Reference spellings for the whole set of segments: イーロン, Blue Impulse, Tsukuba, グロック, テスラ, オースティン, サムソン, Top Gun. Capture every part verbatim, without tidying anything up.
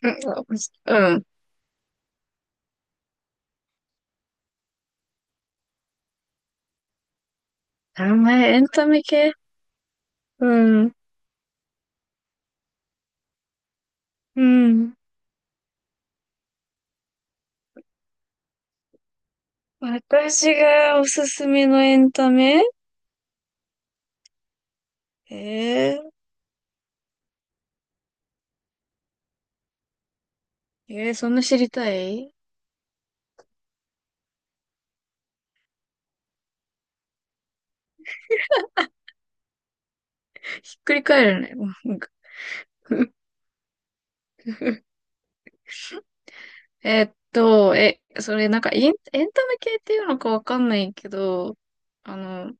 うん、うん。名前、エンタメ系、うん、うん。私がおすすめのエンタメ。えー、えー、そんな知りたい？ひっくり返るね。うん。えーっと、え、それなんかエン、エンタメ系っていうのかわかんないけど、あの、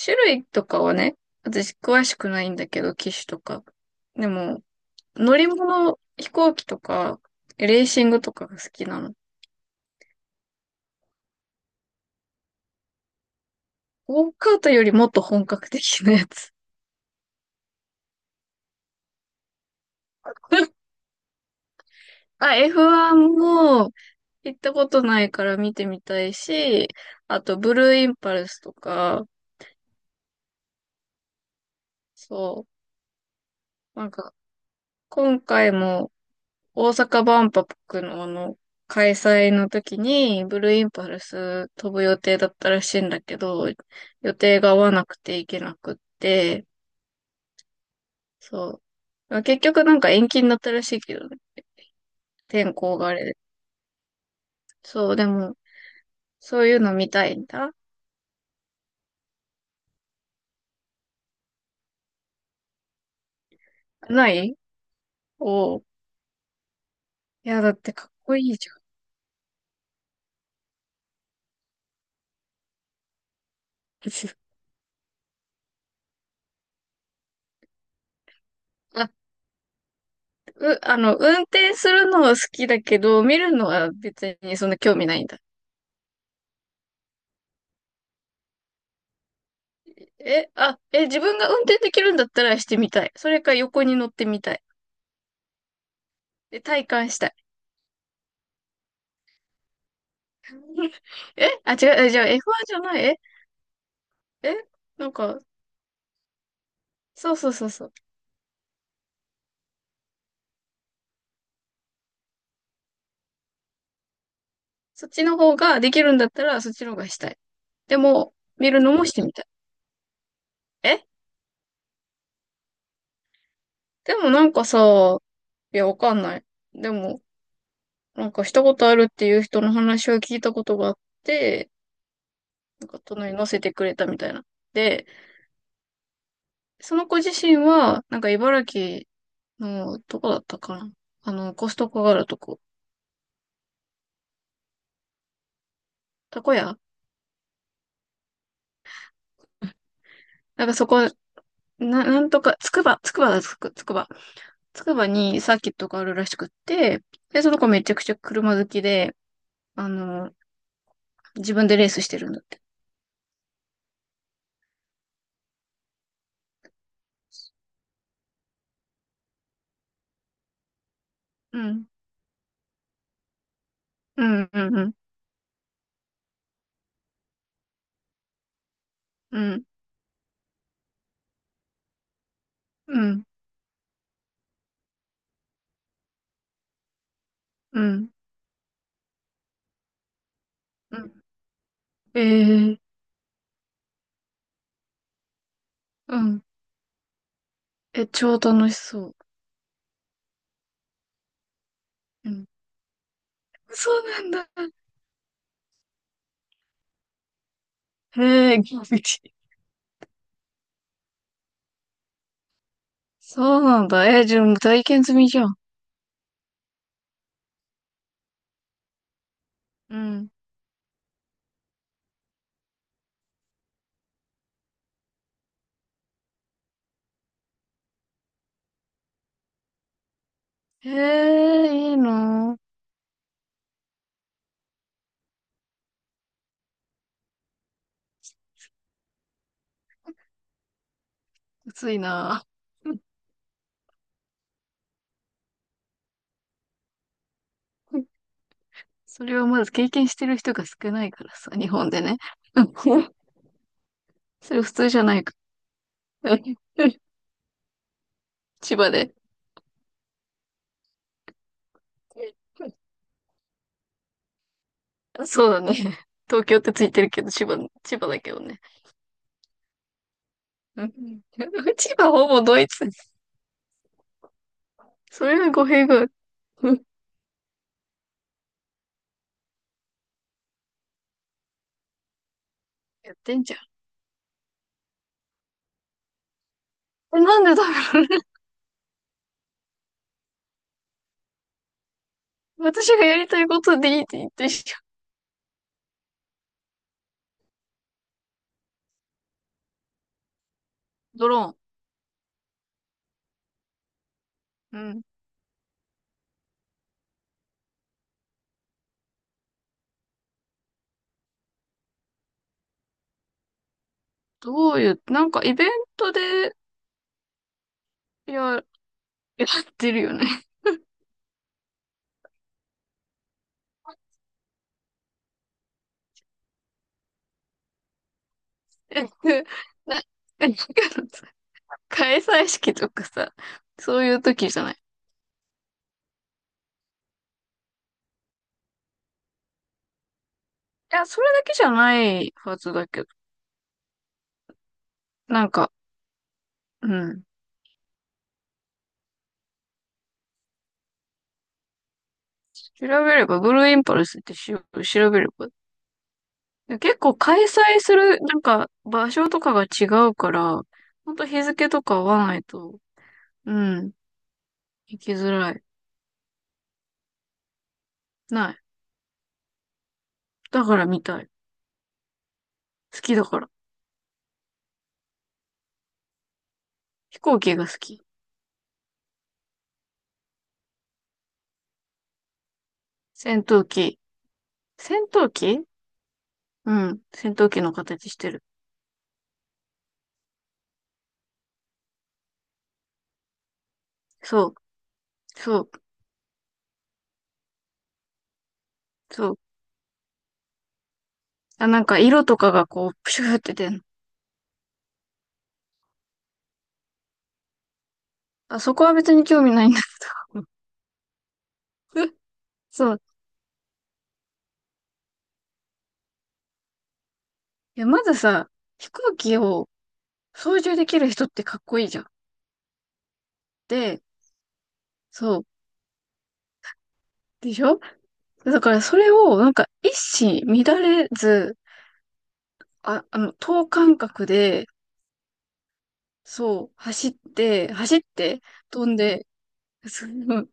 種類とかはね、私詳しくないんだけど、機種とか。でも、乗り物、飛行機とか、レーシングとかが好きなの。ゴーカートよりもっと本格的なやつ。あ、エフワン も行ったことないから見てみたいし、あとブルーインパルスとか、そう、なんか今回も大阪万博のあの開催の時にブルーインパルス飛ぶ予定だったらしいんだけど、予定が合わなくて行けなくって、そう。結局なんか延期になったらしいけどね、天候があれで。そう、でもそういうの見たいんだ。ない、おう。いや、だってかっこいいじゃん。あ、う、あの、運転するのは好きだけど、見るのは別にそんな興味ないんだ。え、あ、え、自分が運転できるんだったらしてみたい。それか横に乗ってみたい。で、体感したい。え、あ、違う、えじゃあ エフワン じゃない、え、え、なんか、そうそうそうそう。そっちの方ができるんだったら、そっちの方がしたい。でも、見るのもしてみたい。え、でもなんかさ、いや、わかんない。でも、なんかしたことあるっていう人の話を聞いたことがあって、なんか隣に乗せてくれたみたいな。で、その子自身は、なんか茨城の、どこだったかな、あの、コストコがあるとこ。たこ屋、なんかそこ、な、なんとか、つくば、つくばだ、つく、つくば。つくばにサーキットがあるらしくって、で、その子めちゃくちゃ車好きで、あの、自分でレースしてるんだって。うん。うん、うん、うん、うん、うん、うん、うん。ええ、うん。え、超楽しそう。うん。そうなんだ。へえ、びっくり。そうなんだ。えじゃあ体験済みじゃん。うん。ええいいな、う、暑いな。 それはまず経験してる人が少ないからさ、日本でね。それ普通じゃないか。千葉で。そうだね。東京ってついてるけど、千葉、千葉だけどね。うん。 千葉ほぼドイツ。それは語弊がある。うん。やってんじゃん。え、なんでだろうね。私がやりたいことでいいって言ってんじゃん。ドローン。うん。どういう、なんかイベントでや、やってるよね。えな、えなんか開催式とかさ、そういう時じゃない？いや、それだけじゃないはずだけど。なんか、うん。調べれば、ブルーインパルスってし、調べれば。結構開催する、なんか、場所とかが違うから、ほんと日付とか合わないと、うん、行きづらい。ない。だから見たい。好きだから。飛行機が好き。戦闘機。戦闘機、うん。戦闘機の形してる。そう、そう、そう。あ、なんか色とかがこう、プシューって出んの。あ、そこは別に興味ないんだ。そう。いや、まずさ、飛行機を操縦できる人ってかっこいいじゃん。で、そう。でしょ？だからそれを、なんか一糸乱れず、あ、あの、等間隔で、そう、走って、走って、飛んで、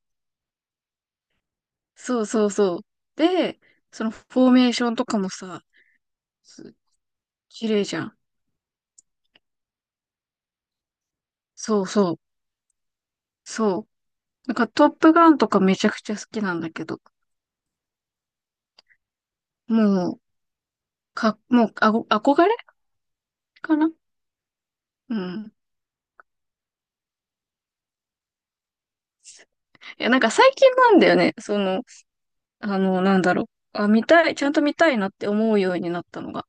そうそうそうそう。で、そのフォーメーションとかもさ、綺麗じゃん。そうそう。そう。なんかトップガンとかめちゃくちゃ好きなんだけど。もう、か、もう、あご、憧れかな、うん。いや、なんか最近なんだよね。その、あの、なんだろう。あ、見たい、ちゃんと見たいなって思うようになったのが。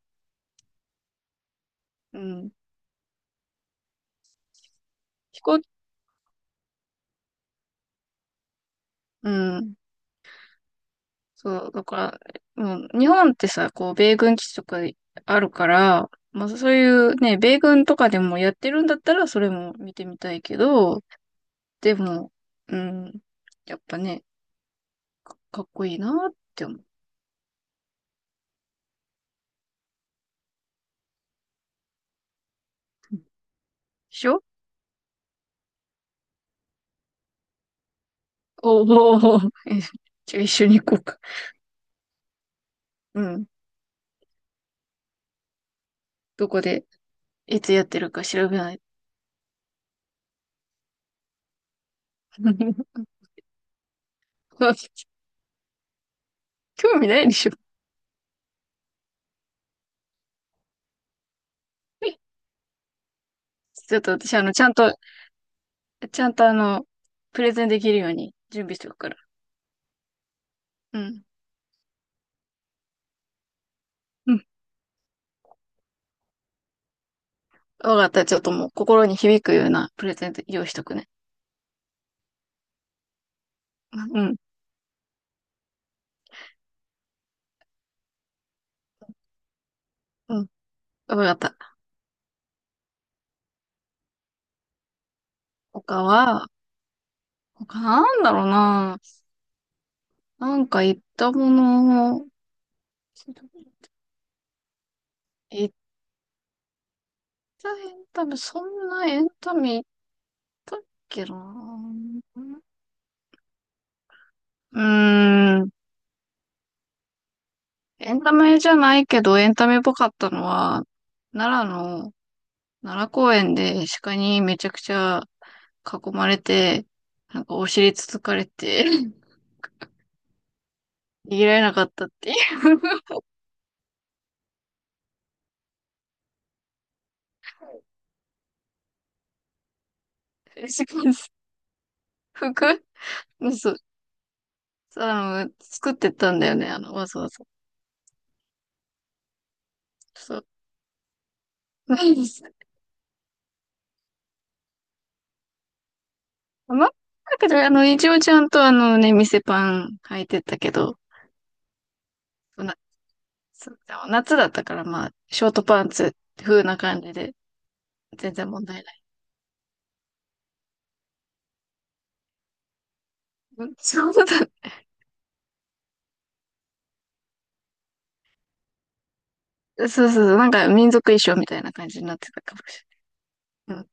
うん。飛行、うん。そう、だから、もう、日本ってさ、こう、米軍基地とかあるから、まあそういうね、米軍とかでもやってるんだったら、それも見てみたいけど、でも、うん。やっぱね、かっこいいなって思う。でしょ？おーお。 じゃあ一緒に行こうか。うん。どこで、いつやってるか調べない？興味ないでしょ？ちょっと私、あの、ちゃんと、ちゃんとあの、プレゼンできるように準備しておくから。うん。うん。わかった。ちょっともう心に響くようなプレゼント用意しとくね。うん。うん。わかった。他は、他なんだろうな。なんか言ったもの、言ったエンタメ、そんなエンタメだっけな。うーん。エンタメじゃないけど、エンタメっぽかったのは、奈良の、奈良公園で鹿にめちゃくちゃ囲まれて、なんかお尻つつかれて、逃げられなかったっていう。 服、そう。あの、作ってたんだよね、あの、わざわざ。そう。ないです。まあ、なんかねあの、一応ちゃんとあのね、店パン履いてたけど、そうだ夏だったから、まあ、ショートパンツ風な感じで、全然問題ない。うん、そうだ。そうそうそう、なんか民族衣装みたいな感じになってたかもしれない。うん。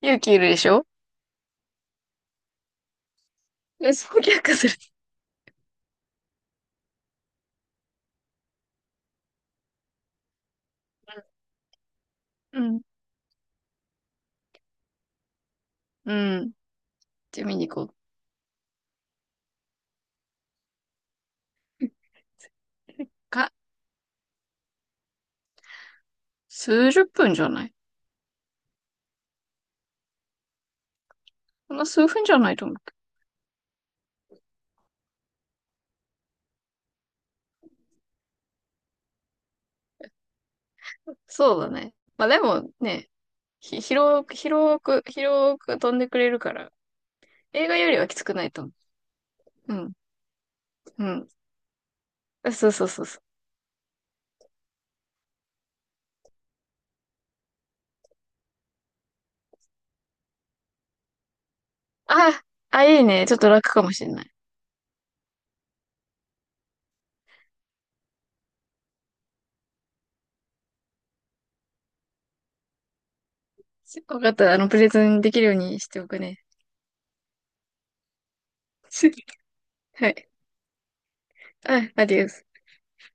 勇気いるでしょ？え、そう逆化する。うん。うん。じゃあ見に行こうか。数十分じゃない？そんな数分じゃないと思うけど。そうだね。まあでもね、ひ、広く、広く、広く飛んでくれるから、映画よりはきつくないと思う。うん。うん。そうそうそうそう。あ、あ、いいね。ちょっと楽かもしれない。わかった。あの、プレゼンできるようにしておくね。はい。あ、アディオス。